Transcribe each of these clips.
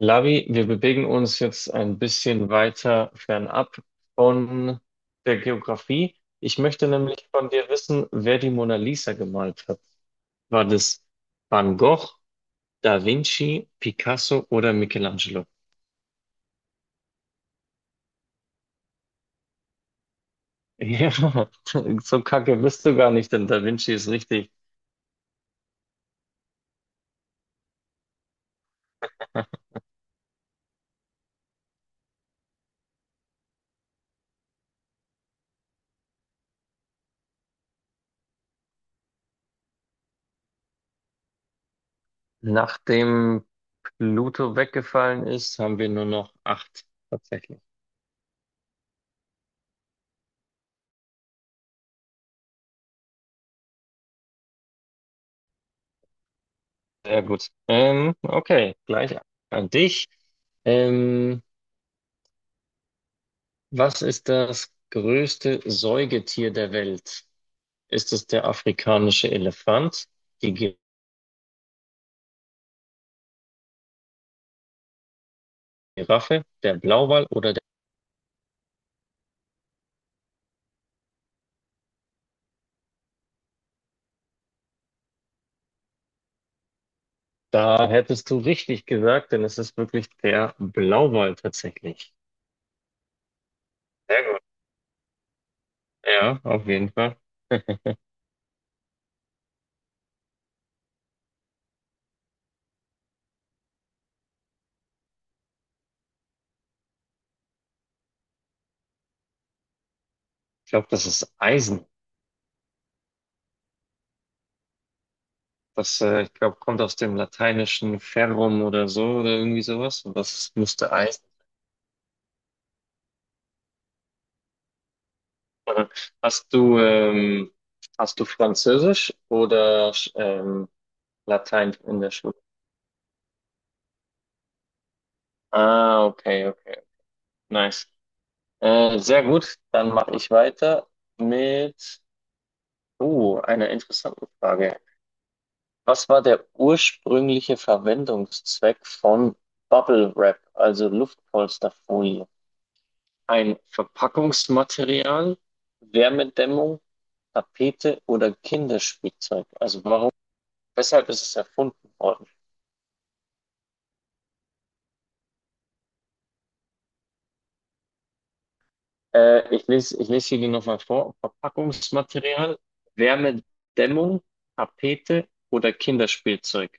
Lavi, wir bewegen uns jetzt ein bisschen weiter fernab von der Geografie. Ich möchte nämlich von dir wissen, wer die Mona Lisa gemalt hat. War das Van Gogh, Da Vinci, Picasso oder Michelangelo? Ja, so kacke bist du gar nicht, denn Da Vinci ist richtig. Nachdem Pluto weggefallen ist, haben wir nur noch acht tatsächlich. Sehr gut. Okay, gleich an dich. Ähm, Was ist das größte Säugetier der Welt? Ist es der afrikanische Elefant, die Giraffe, der Blauwal oder der... Da hättest du richtig gesagt, denn es ist wirklich der Blauwal tatsächlich. Sehr gut. Ja, auf jeden Fall. Ich glaube, das ist Eisen. Das, ich glaube, kommt aus dem lateinischen Ferrum oder so oder irgendwie sowas. Und das müsste Eisen sein. Hast du, ähm, hast du Französisch oder ähm, Latein in der Schule? Ah, okay, okay. Nice. Sehr gut. Dann mache ich weiter mit einer interessanten Frage. Was war der ursprüngliche Verwendungszweck von Bubble Wrap, also Luftpolsterfolie? Ein Verpackungsmaterial, Wärmedämmung, Tapete oder Kinderspielzeug? Also warum, weshalb ist es erfunden worden? Ich lese hier die nochmal vor. Verpackungsmaterial, Wärmedämmung, Tapete oder Kinderspielzeug.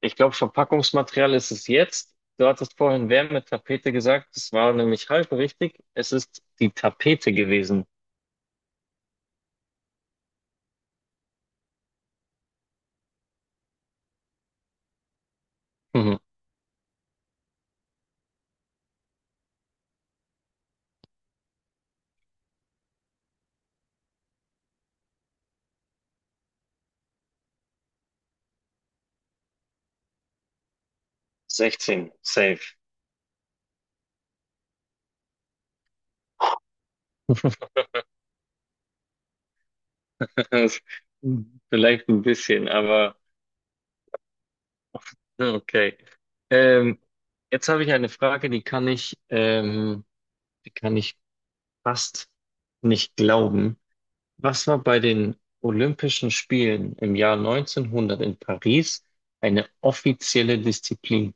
Ich glaube, Verpackungsmaterial ist es jetzt. Du hattest vorhin Wärmetapete gesagt. Das war nämlich halb richtig. Es ist die Tapete gewesen. Mhm. 16, safe. Vielleicht ein bisschen, aber okay. Ähm, Jetzt habe ich eine Frage, die kann ich fast nicht glauben. Was war bei den Olympischen Spielen im Jahr 1900 in Paris eine offizielle Disziplin?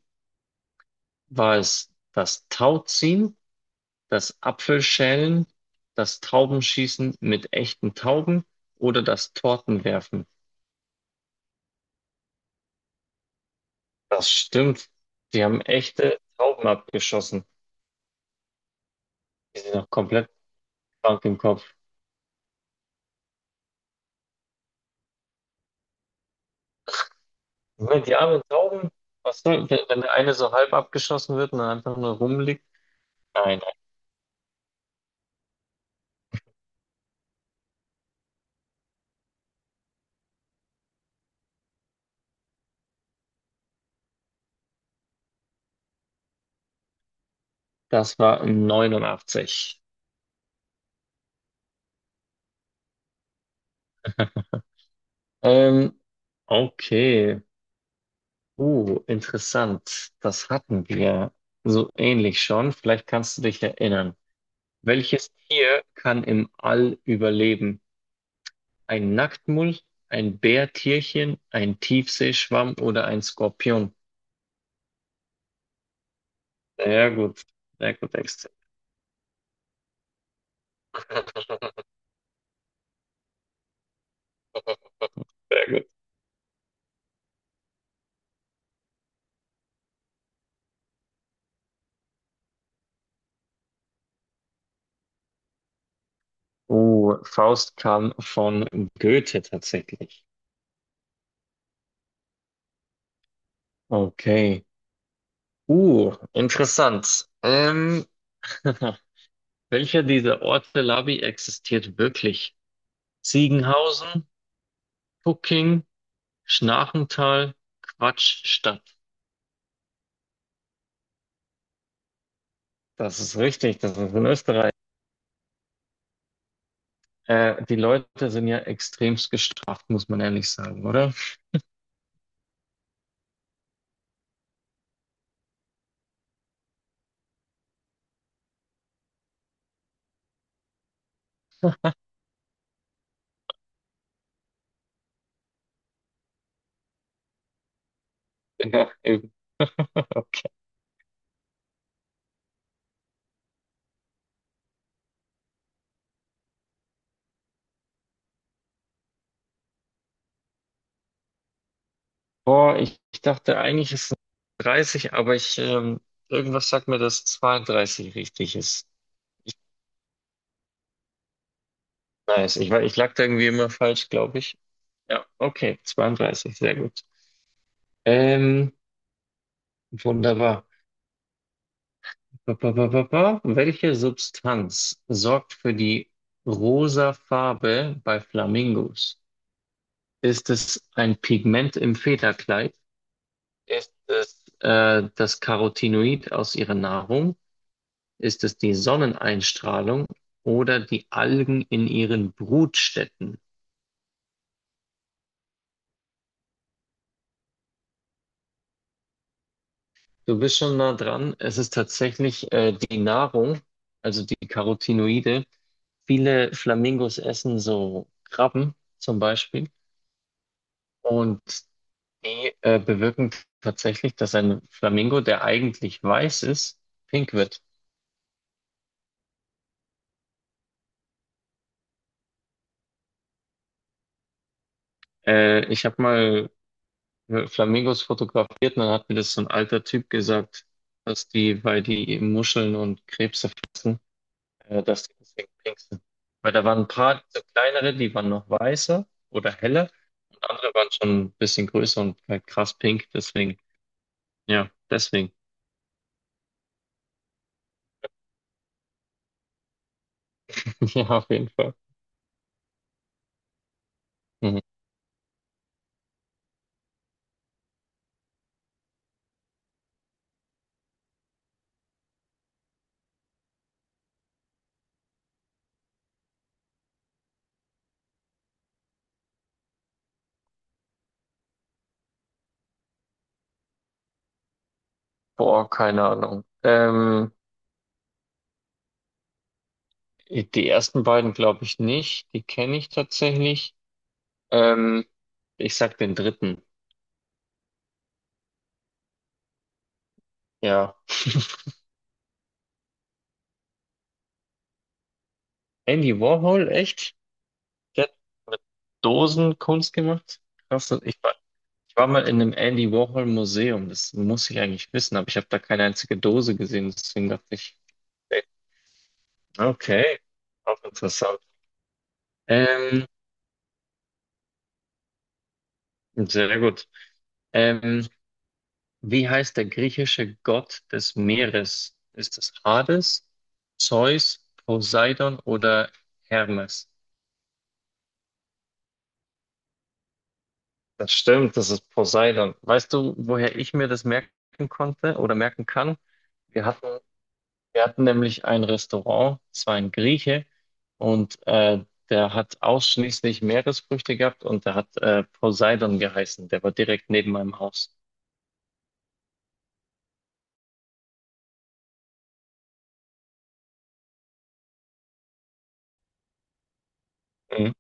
War es das Tauziehen, das Apfelschälen, das Taubenschießen mit echten Tauben oder das Tortenwerfen? Das stimmt. Sie haben echte Tauben abgeschossen. Die sind noch komplett krank im Kopf. Moment, die armen Tauben, was soll, wenn, wenn der eine so halb abgeschossen wird und dann einfach nur rumliegt? Nein, das war 89. Ähm, okay. Interessant. Das hatten wir so ähnlich schon. Vielleicht kannst du dich erinnern. Welches Tier kann im All überleben? Ein Nacktmull, ein Bärtierchen, ein Tiefseeschwamm oder ein Skorpion? Sehr gut. Sehr gut, Dexter. Sehr gut. Faust kam von Goethe tatsächlich. Okay. Interessant. Welcher dieser Orte Labi existiert wirklich? Ziegenhausen, Pucking, Schnarchental, Quatschstadt. Das ist richtig, das ist in Österreich. Die Leute sind ja extremst gestraft, muss man ehrlich sagen, oder? Ja, eben. Boah, ich dachte eigentlich ist es 30, aber ich, irgendwas sagt mir, dass 32 richtig ist. Nice. Ich, ich lag da irgendwie immer falsch, glaube ich. Ja, okay, 32, sehr gut. Ähm, wunderbar. Pa- pa- pa- pa- pa. Welche Substanz sorgt für die rosa Farbe bei Flamingos? Ist es ein Pigment im Federkleid? Ist es das Carotinoid aus ihrer Nahrung? Ist es die Sonneneinstrahlung oder die Algen in ihren Brutstätten? Du bist schon nah dran. Es ist tatsächlich die Nahrung, also die Carotinoide. Viele Flamingos essen so Krabben zum Beispiel. Und die bewirken tatsächlich, dass ein Flamingo, der eigentlich weiß ist, pink wird. Ich habe mal Flamingos fotografiert und dann hat mir das so ein alter Typ gesagt, dass die, weil die Muscheln und Krebse fressen, dass die deswegen pink sind. Weil da waren ein paar so kleinere, die waren noch weißer oder heller und andere waren schon ein bisschen größer und halt krass pink. Deswegen, ja, deswegen. Ja, auf jeden Fall. Mhm. Boah, keine Ahnung. Die ersten beiden glaube ich nicht. Die kenne ich tatsächlich. Ähm, ich sag den dritten. Ja. Andy Warhol, echt? Der hat mit Dosen Kunst gemacht? Krass. Ich war mal in einem Andy Warhol Museum. Das muss ich eigentlich wissen, aber ich habe da keine einzige Dose gesehen. Deswegen dachte ich, okay, auch interessant. Ähm, sehr gut. Ähm, wie heißt der griechische Gott des Meeres? Ist es Hades, Zeus, Poseidon oder Hermes? Das stimmt, das ist Poseidon. Weißt du, woher ich mir das merken konnte oder merken kann? Wir hatten, wir hatten nämlich ein Restaurant, es war ein Grieche und der hat ausschließlich Meeresfrüchte gehabt und der hat Poseidon geheißen. Der war direkt neben meinem Haus. Mhm.